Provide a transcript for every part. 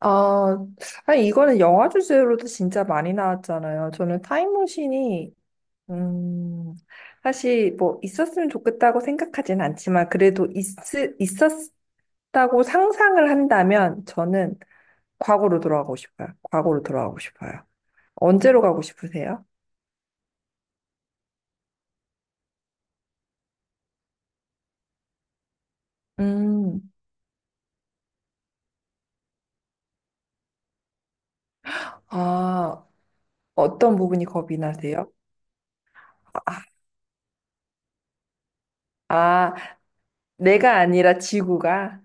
아, 아니, 이거는 영화 주제로도 진짜 많이 나왔잖아요. 저는 타임머신이, 음, 사실 뭐 있었으면 좋겠다고 생각하진 않지만, 있었다고 상상을 한다면, 저는 과거로 돌아가고 싶어요. 과거로 돌아가고 싶어요. 언제로 가고 싶으세요? 음, 아, 어떤 부분이 겁이 나세요? 아, 아, 내가 아니라 지구가.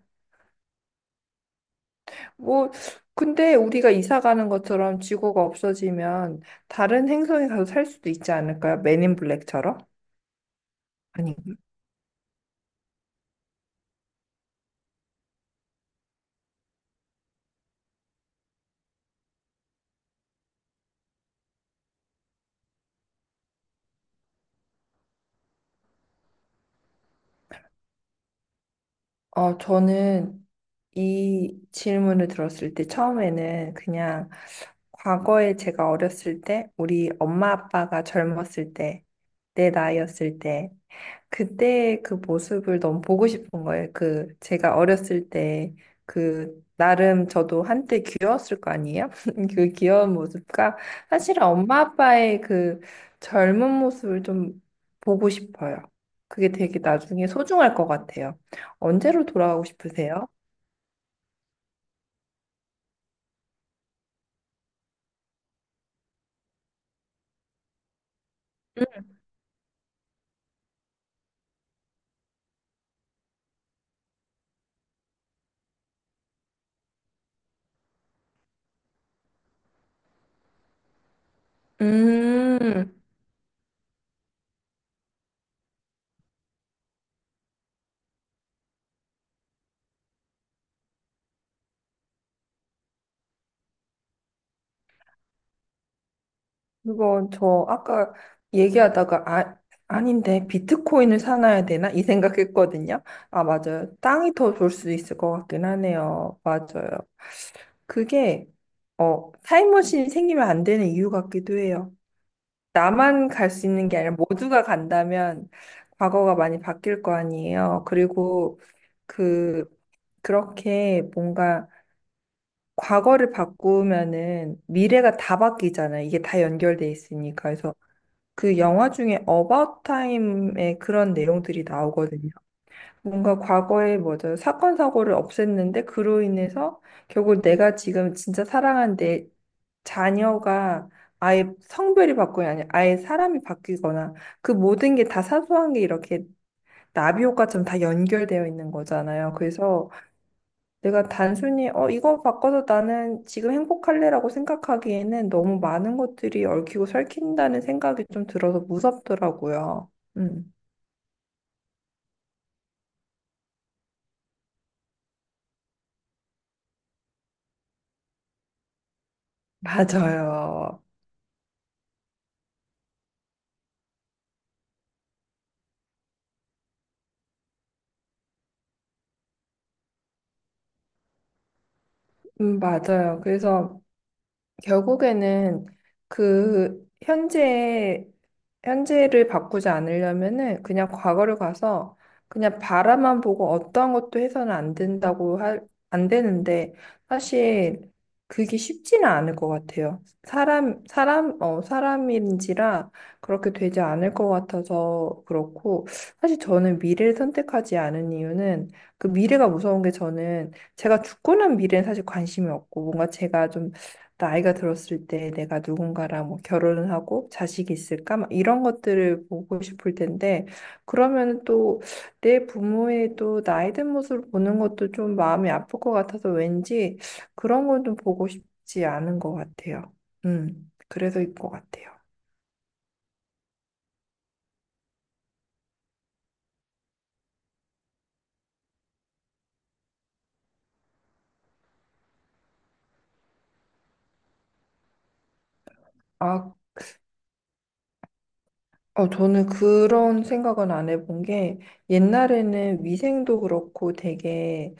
뭐, 근데 우리가 이사 가는 것처럼 지구가 없어지면 다른 행성에 가서 살 수도 있지 않을까요? 맨인 블랙처럼? 아니, 어, 저는 이 질문을 들었을 때 처음에는 그냥 과거에 제가 어렸을 때, 우리 엄마 아빠가 젊었을 때, 내 나이였을 때, 그때 그 모습을 너무 보고 싶은 거예요. 그 제가 어렸을 때 그 나름 저도 한때 귀여웠을 거 아니에요? 그 귀여운 모습과 사실은 엄마 아빠의 그 젊은 모습을 좀 보고 싶어요. 그게 되게 나중에 소중할 것 같아요. 언제로 돌아가고 싶으세요? 음. 그거 저 아까 얘기하다가 아, 아닌데 비트코인을 사놔야 되나? 이 생각했거든요. 아, 맞아요. 땅이 더 좋을 수 있을 것 같긴 하네요. 맞아요. 그게 어, 타임머신이 생기면 안 되는 이유 같기도 해요. 나만 갈 수 있는 게 아니라 모두가 간다면 과거가 많이 바뀔 거 아니에요. 그리고 그 그렇게 뭔가 과거를 바꾸면은 미래가 다 바뀌잖아요. 이게 다 연결돼 있으니까. 그래서 그 영화 중에 About Time에 그런 내용들이 나오거든요. 뭔가 과거에 뭐죠? 사건 사고를 없앴는데 그로 인해서 결국 내가 지금 진짜 사랑한 내 자녀가 아예 성별이 바뀌거나 아니 아예 사람이 바뀌거나 그 모든 게 다 사소한 게 이렇게 나비 효과처럼 다 연결되어 있는 거잖아요. 그래서 내가 단순히 어 이거 바꿔서 나는 지금 행복할래라고 생각하기에는 너무 많은 것들이 얽히고 설킨다는 생각이 좀 들어서 무섭더라고요. 음, 맞아요. 맞아요. 그래서 결국에는 그 현재를 바꾸지 않으려면은 그냥 과거를 가서 그냥 바라만 보고 어떠한 것도 해서는 안 된다고 할, 안 되는데 사실 그게 쉽지는 않을 것 같아요. 사람 어 사람인지라 그렇게 되지 않을 것 같아서 그렇고 사실 저는 미래를 선택하지 않은 이유는 그 미래가 무서운 게 저는 제가 죽고 난 미래는 사실 관심이 없고 뭔가 제가 좀 나이가 들었을 때 내가 누군가랑 뭐 결혼을 하고 자식이 있을까? 막 이런 것들을 보고 싶을 텐데, 그러면 또 내 부모의 또 나이 든 모습을 보는 것도 좀 마음이 아플 것 같아서 왠지 그런 건 좀 보고 싶지 않은 것 같아요. 그래서일 것 같아요. 아, 어, 저는 그런 생각은 안 해본 게, 옛날에는 위생도 그렇고 되게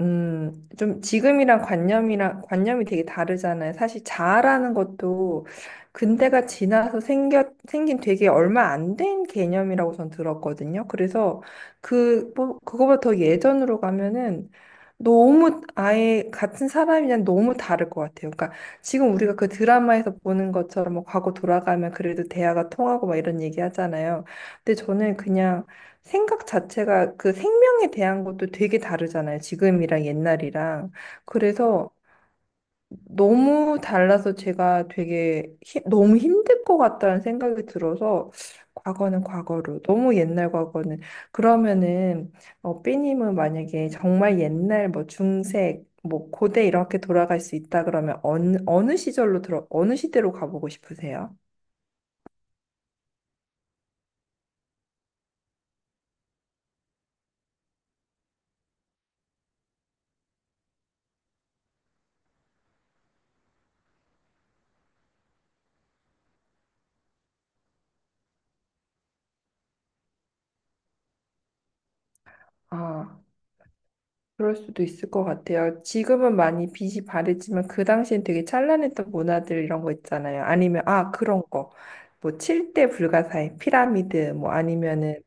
좀 지금이랑 관념이 되게 다르잖아요. 사실 자아라는 것도 근대가 지나서 생긴 되게 얼마 안 된 개념이라고 전 들었거든요. 그래서 그, 뭐, 그거보다 더 예전으로 가면은 너무 아예 같은 사람이랑 너무 다를 것 같아요. 그러니까 지금 우리가 그 드라마에서 보는 것처럼 뭐 과거 돌아가면 그래도 대화가 통하고 막 이런 얘기 하잖아요. 근데 저는 그냥 생각 자체가 그 생명에 대한 것도 되게 다르잖아요. 지금이랑 옛날이랑. 그래서 너무 달라서 제가 너무 힘들 것 같다는 생각이 들어서 과거는 과거로, 너무 옛날 과거는. 그러면은 어, 삐님은 만약에 정말 옛날 뭐 중세, 뭐 고대 이렇게 돌아갈 수 있다 그러면 어느 시절로 어느 시대로 가보고 싶으세요? 아. 그럴 수도 있을 것 같아요. 지금은 많이 빛이 바랬지만 그 당시엔 되게 찬란했던 문화들 이런 거 있잖아요. 아니면 아 그런 거. 뭐 칠대 불가사의 피라미드 뭐 아니면은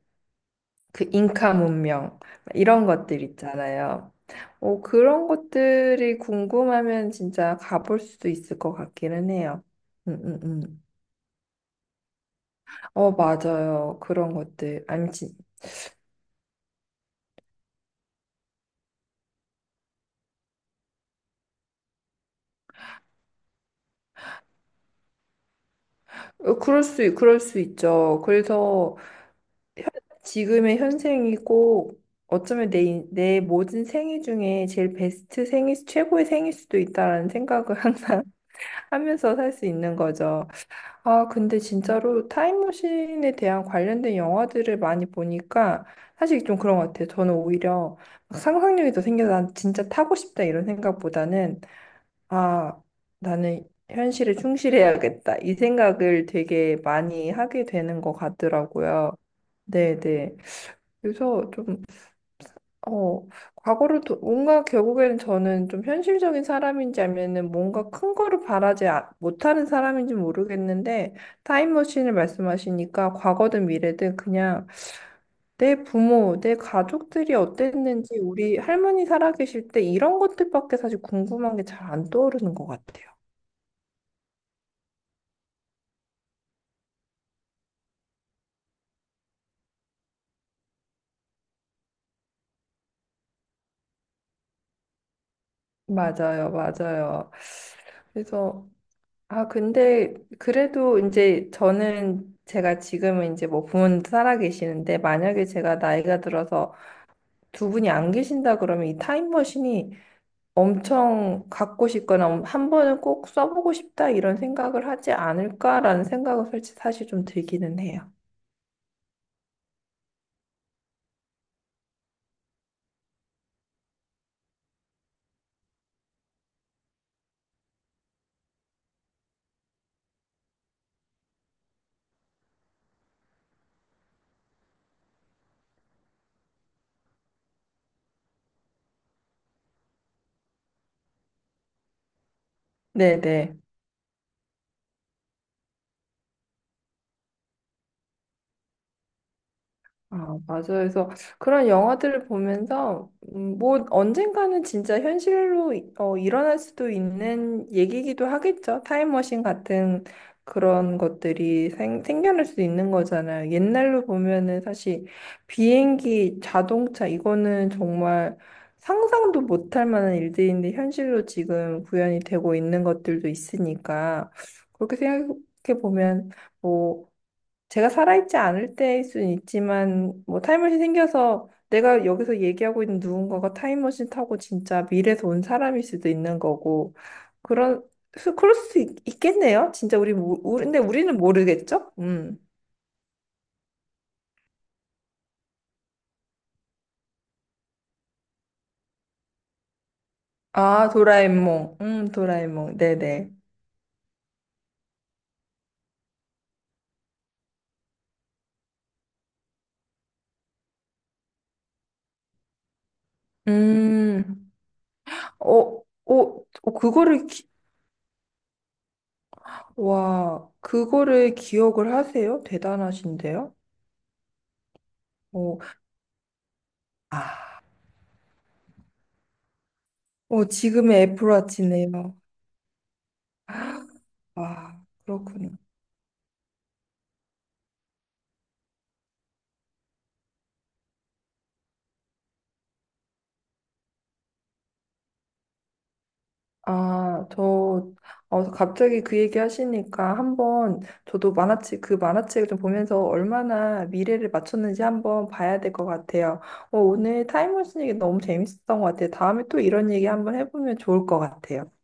그 잉카 문명 이런 것들 있잖아요. 오 그런 것들이 궁금하면 진짜 가볼 수도 있을 것 같기는 해요. 음, 음, 음. 어, 맞아요. 그런 것들. 아니, 진, 그럴 수 있죠. 그래서 지금의 현생이 꼭 어쩌면 내 모든 생애 중에 제일 최고의 생일 수도 있다라는 생각을 항상 하면서 살 수 있는 거죠. 아, 근데 진짜로 타임머신에 대한 관련된 영화들을 많이 보니까 사실 좀 그런 것 같아요. 저는 오히려 막 상상력이 더 생겨서 난 진짜 타고 싶다 이런 생각보다는 아, 나는 현실에 충실해야겠다. 이 생각을 되게 많이 하게 되는 것 같더라고요. 네네. 그래서 좀, 어, 뭔가 결국에는 저는 좀 현실적인 사람인지 아니면은 뭔가 큰 거를 바라지 아- 못하는 사람인지 모르겠는데, 타임머신을 말씀하시니까 과거든 미래든 그냥 내 부모, 내 가족들이 어땠는지, 우리 할머니 살아계실 때 이런 것들밖에 사실 궁금한 게 잘 안 떠오르는 것 같아요. 맞아요, 맞아요. 그래서 아, 근데 그래도 이제 저는 제가 지금은 이제 뭐 부모님도 살아 계시는데 만약에 제가 나이가 들어서 두 분이 안 계신다 그러면 이 타임머신이 엄청 갖고 싶거나 한 번은 꼭 써보고 싶다 이런 생각을 하지 않을까라는 생각은 솔직히 사실 좀 들기는 해요. 네네. 아, 맞아요. 그래서 그런 영화들을 보면서, 뭐, 언젠가는 진짜 어, 일어날 수도 있는 얘기기도 하겠죠. 타임머신 같은 그런 것들이 생겨날 수도 있는 거잖아요. 옛날로 보면은 사실 비행기, 자동차, 이거는 정말 상상도 못할 만한 일들인데 현실로 지금 구현이 되고 있는 것들도 있으니까, 그렇게 생각해 보면, 뭐, 제가 살아있지 않을 때일 수는 있지만 뭐 타임머신 생겨서 내가 여기서 얘기하고 있는 누군가가 타임머신 타고 진짜 미래에서 온 사람일 수도 있는 거고 그런 있겠네요. 진짜 우리 근데 우리는 모르겠죠? 음. 아, 도라에몽. 도라에몽. 네네. 음. 어, 어, 어, 그거를 기, 와, 그거를 기억을 하세요? 대단하신데요? 어, 아, 어, 지금의 애플워치네요. 와, 그렇군요. 아, 저, 어, 갑자기 그 얘기 하시니까 한번 저도 만화책, 그 만화책을 좀 보면서 얼마나 미래를 맞췄는지 한번 봐야 될 것 같아요. 어, 오늘 타임머신 얘기 너무 재밌었던 것 같아요. 다음에 또 이런 얘기 한번 해보면 좋을 것 같아요.